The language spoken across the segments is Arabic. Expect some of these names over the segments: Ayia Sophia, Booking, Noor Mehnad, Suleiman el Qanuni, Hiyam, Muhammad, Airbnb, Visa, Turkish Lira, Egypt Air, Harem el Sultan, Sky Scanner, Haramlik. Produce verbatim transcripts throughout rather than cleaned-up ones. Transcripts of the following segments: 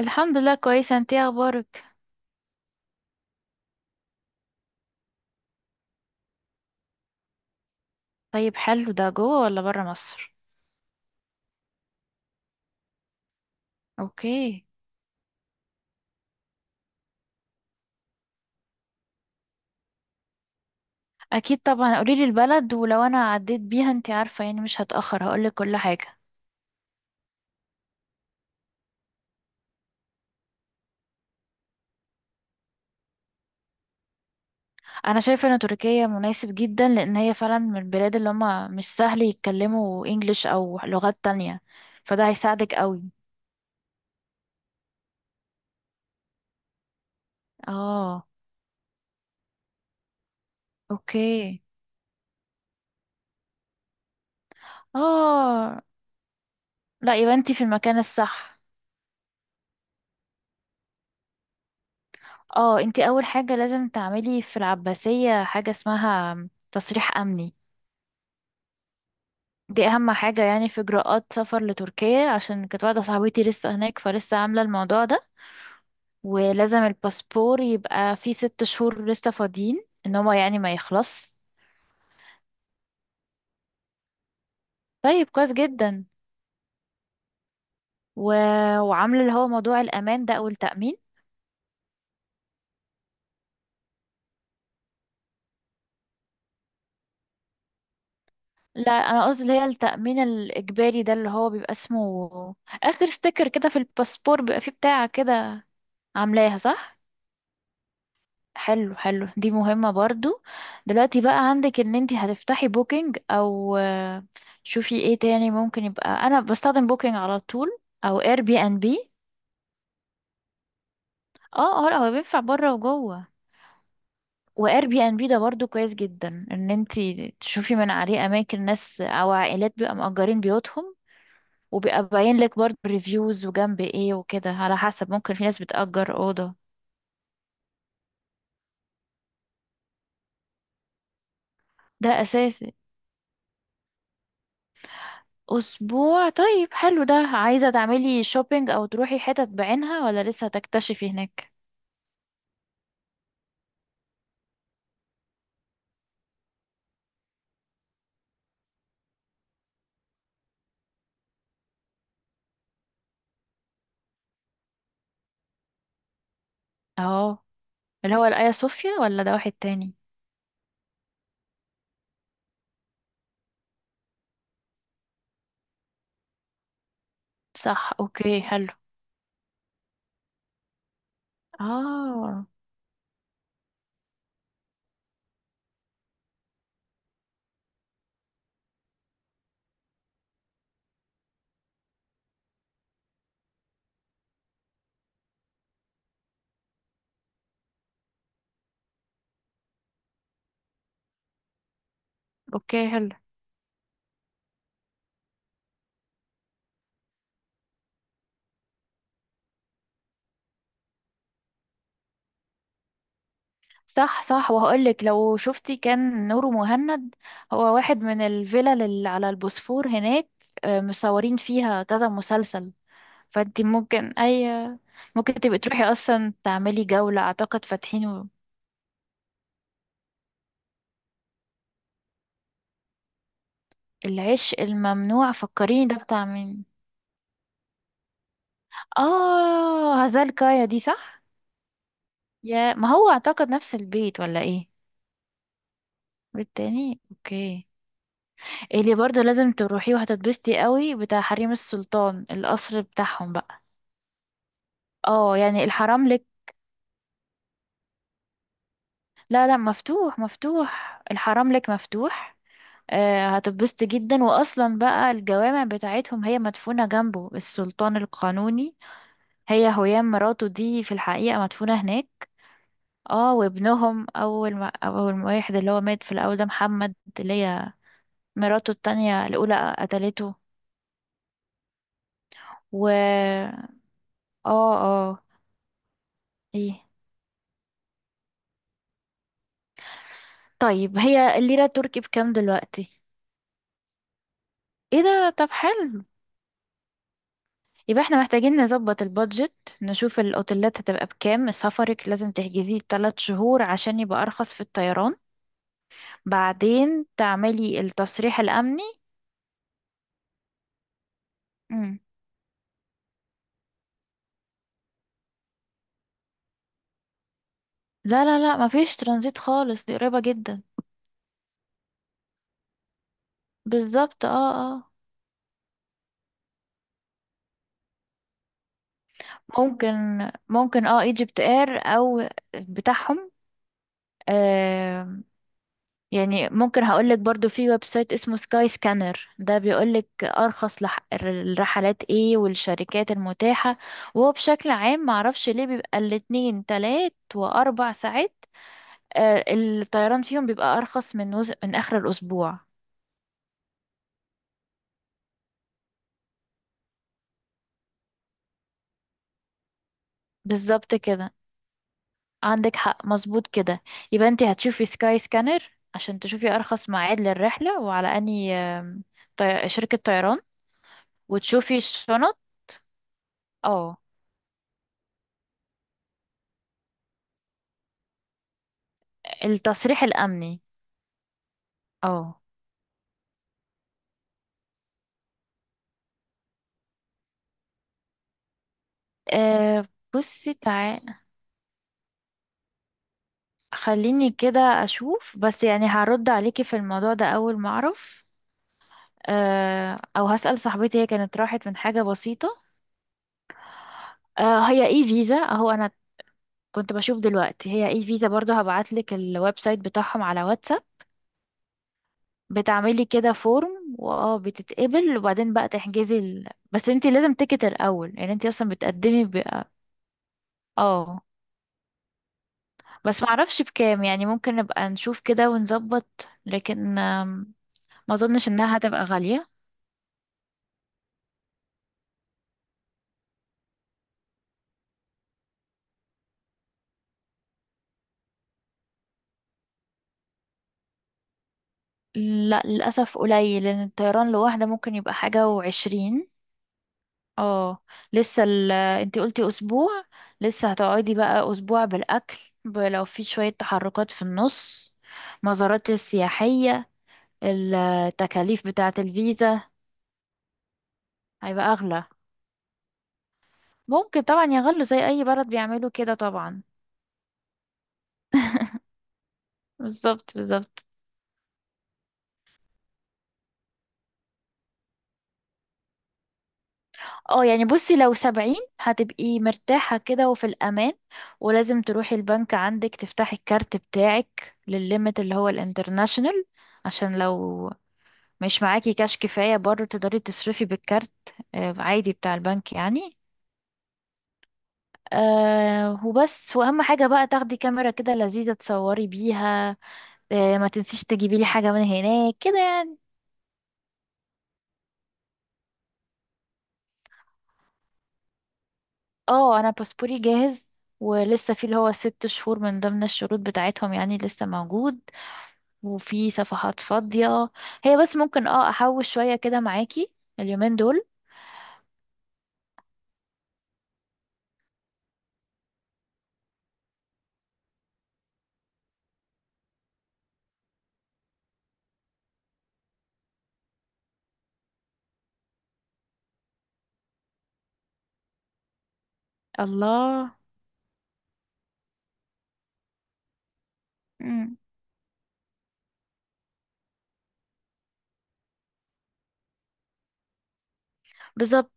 الحمد لله، كويسة. انتي إيه اخبارك؟ طيب، حلو. ده جوه ولا برا مصر؟ اوكي. اكيد طبعا، قوليلي البلد ولو انا عديت بيها انتي عارفة يعني مش هتأخر، هقولك كل حاجة. انا شايفة ان تركيا مناسب جدا، لان هي فعلا من البلاد اللي هما مش سهل يتكلموا انجليش او لغات تانية، فده هيساعدك قوي. اه. اوكي. اه، لا يبقى انتي في المكان الصح. اه، انتي اول حاجة لازم تعملي في العباسية حاجة اسمها تصريح امني. دي اهم حاجة يعني في اجراءات سفر لتركيا، عشان كانت واحدة صاحبتي لسه هناك فلسه عاملة الموضوع ده. ولازم الباسبور يبقى فيه ست شهور لسه فاضيين ان هو يعني ما يخلص. طيب، كويس جدا. و... وعاملة اللي هو موضوع الامان ده او التأمين. لا، انا قصدي اللي هي التأمين الاجباري ده، اللي هو بيبقى اسمه اخر ستيكر كده في الباسبور بيبقى فيه بتاع كده. عاملاها صح؟ حلو، حلو. دي مهمة برضو. دلوقتي بقى عندك ان انتي هتفتحي بوكينج او آه، شوفي ايه تاني ممكن، يبقى انا بستخدم بوكينج على طول، او اير بي ان بي. اه، اه، هو بينفع بره وجوه. واير بي ان بي ده برضو كويس جدا ان انتي تشوفي من عليه اماكن ناس او عائلات بيبقى مأجرين بيوتهم. وبيبقى باين لك برضو ريفيوز وجنب ايه وكده، على حسب ممكن في ناس بتأجر أوضة. ده أساسي. أسبوع؟ طيب، حلو. ده عايزة تعملي شوبينج أو تروحي حتت بعينها ولا لسه هتكتشفي هناك؟ اه، اللي هو الآيا صوفيا ولا ده واحد تاني؟ صح. أوكي، حلو. اه. أوكي، حلو. صح، صح، وهقولك لو شفتي كان نور مهند. هو واحد من الفلل اللي على البوسفور هناك. آه، مصورين فيها كذا مسلسل. فانتي ممكن أي. ممكن تبقي تروحي أصلا تعملي جولة، أعتقد فاتحين. العشق الممنوع، فكريني ده بتاع مين؟ اه، هزال كايا دي صح. يا ما، هو اعتقد نفس البيت ولا ايه؟ والتاني اوكي. اللي برضو لازم تروحيه وهتتبسطي قوي، بتاع حريم السلطان القصر بتاعهم بقى. اه، يعني الحرملك. لا، لا، مفتوح مفتوح الحرملك مفتوح. آه، هتتبسطي جدا. واصلا بقى الجوامع بتاعتهم، هي مدفونة جنبه السلطان القانوني. هي هيام مراته دي في الحقيقة مدفونة هناك. اه، وابنهم اول ما اول ما واحد اللي هو مات في الاول ده محمد. اللي هي مراته التانية الاولى قتلته. و اه اه ايه؟ طيب، هي الليرة التركي بكام دلوقتي؟ ايه ده؟ طب حلو. يبقى احنا محتاجين نظبط البادجت. نشوف الاوتيلات هتبقى بكام، سفرك لازم تحجزيه 3 شهور عشان يبقى ارخص في الطيران. بعدين تعملي التصريح الامني. مم. لا، لا، لا، مفيش ترانزيت خالص، دي قريبة جدا. بالظبط، اه. اه. ممكن. ممكن اه ايجيبت اير او بتاعهم. آه يعني ممكن هقولك برضو في ويب سايت اسمه سكاي سكانر، ده بيقولك ارخص لح... الرحلات ايه والشركات المتاحة. وهو بشكل عام معرفش ليه بيبقى الاتنين تلات واربع ساعات، آه الطيران فيهم بيبقى ارخص من وز... من اخر الاسبوع. بالظبط كده. عندك حق، مظبوط كده. يبقى انت هتشوفي سكاي سكانر عشان تشوفي ارخص ميعاد للرحله، وعلى اني آم، طي... شركه طيران. وتشوفي الشنط. اه، التصريح الامني. اه. آه، بصي تعالي. خليني كده اشوف، بس يعني هرد عليكي في الموضوع ده اول ما اعرف. آه، او هسأل صاحبتي هي كانت راحت من حاجه بسيطه. آه، هي اي فيزا اهو، انا كنت بشوف دلوقتي هي اي فيزا برضه، هبعتلك الويب سايت بتاعهم على واتساب. بتعملي كده فورم واه بتتقبل، وبعدين بقى تحجزي ال... بس انتي لازم تيكت الاول، يعني انتي اصلا بتقدمي ب... اه. بس معرفش بكام، يعني ممكن نبقى نشوف كده ونظبط، لكن آم، ما اظنش انها هتبقى غالية. لا، للاسف قليل، لان الطيران لوحده ممكن يبقى حاجة وعشرين. اه، لسه ال... انتي قلتي اسبوع. لسه هتقعدي بقى اسبوع بالاكل، ب- لو في شوية تحركات في النص، مزارات سياحية، التكاليف بتاعة الفيزا. هيبقى أغلى. ممكن طبعا يغلوا زي أي بلد، بيعملوا كده طبعا. بالظبط، بالظبط. اه، يعني بصي لو سبعين هتبقي مرتاحة كده وفي الأمان. ولازم تروحي البنك عندك تفتحي الكارت بتاعك للليمت اللي هو الانترناشنال، عشان لو مش معاكي كاش كفاية برضه تقدري تصرفي بالكارت. آه، عادي بتاع البنك يعني. أه، وبس. وأهم حاجة بقى تاخدي كاميرا كده لذيذة تصوري بيها. آه، ما تنسيش تجيبي لي حاجة من هناك كده يعني. اه، انا باسبوري جاهز، ولسه في اللي هو ست شهور من ضمن الشروط بتاعتهم يعني لسه موجود، وفي صفحات فاضية. هي بس ممكن اه احوش شوية كده معاكي اليومين دول. الله. مم. بالظبط.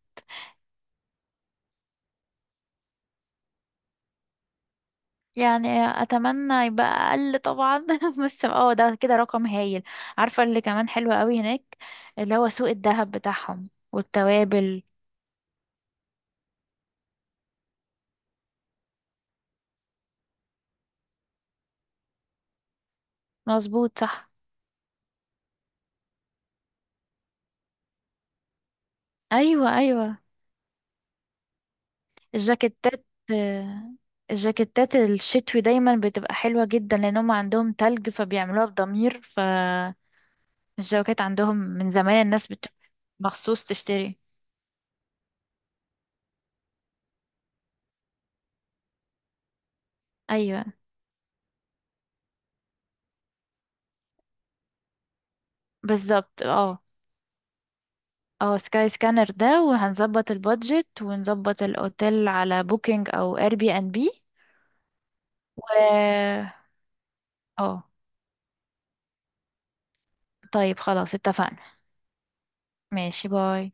يعني اتمنى يبقى اقل طبعا بس اه ده كده رقم هايل. عارفة اللي كمان حلو قوي هناك؟ اللي هو سوق الذهب بتاعهم والتوابل. مظبوط، صح. ايوه، ايوه. الجاكيتات. آه، الجاكيتات الشتوي دايما بتبقى حلوة جدا، لأن هم عندهم تلج فبيعملوها بضمير فالجواكت، عندهم من زمان الناس بت... مخصوص تشتري. أيوة. بالظبط، اه. اه، سكاي سكانر ده، وهنظبط البادجت ونظبط الأوتيل على بوكينج أو اير بي ان بي. و اه طيب خلاص، اتفقنا. ماشي، باي.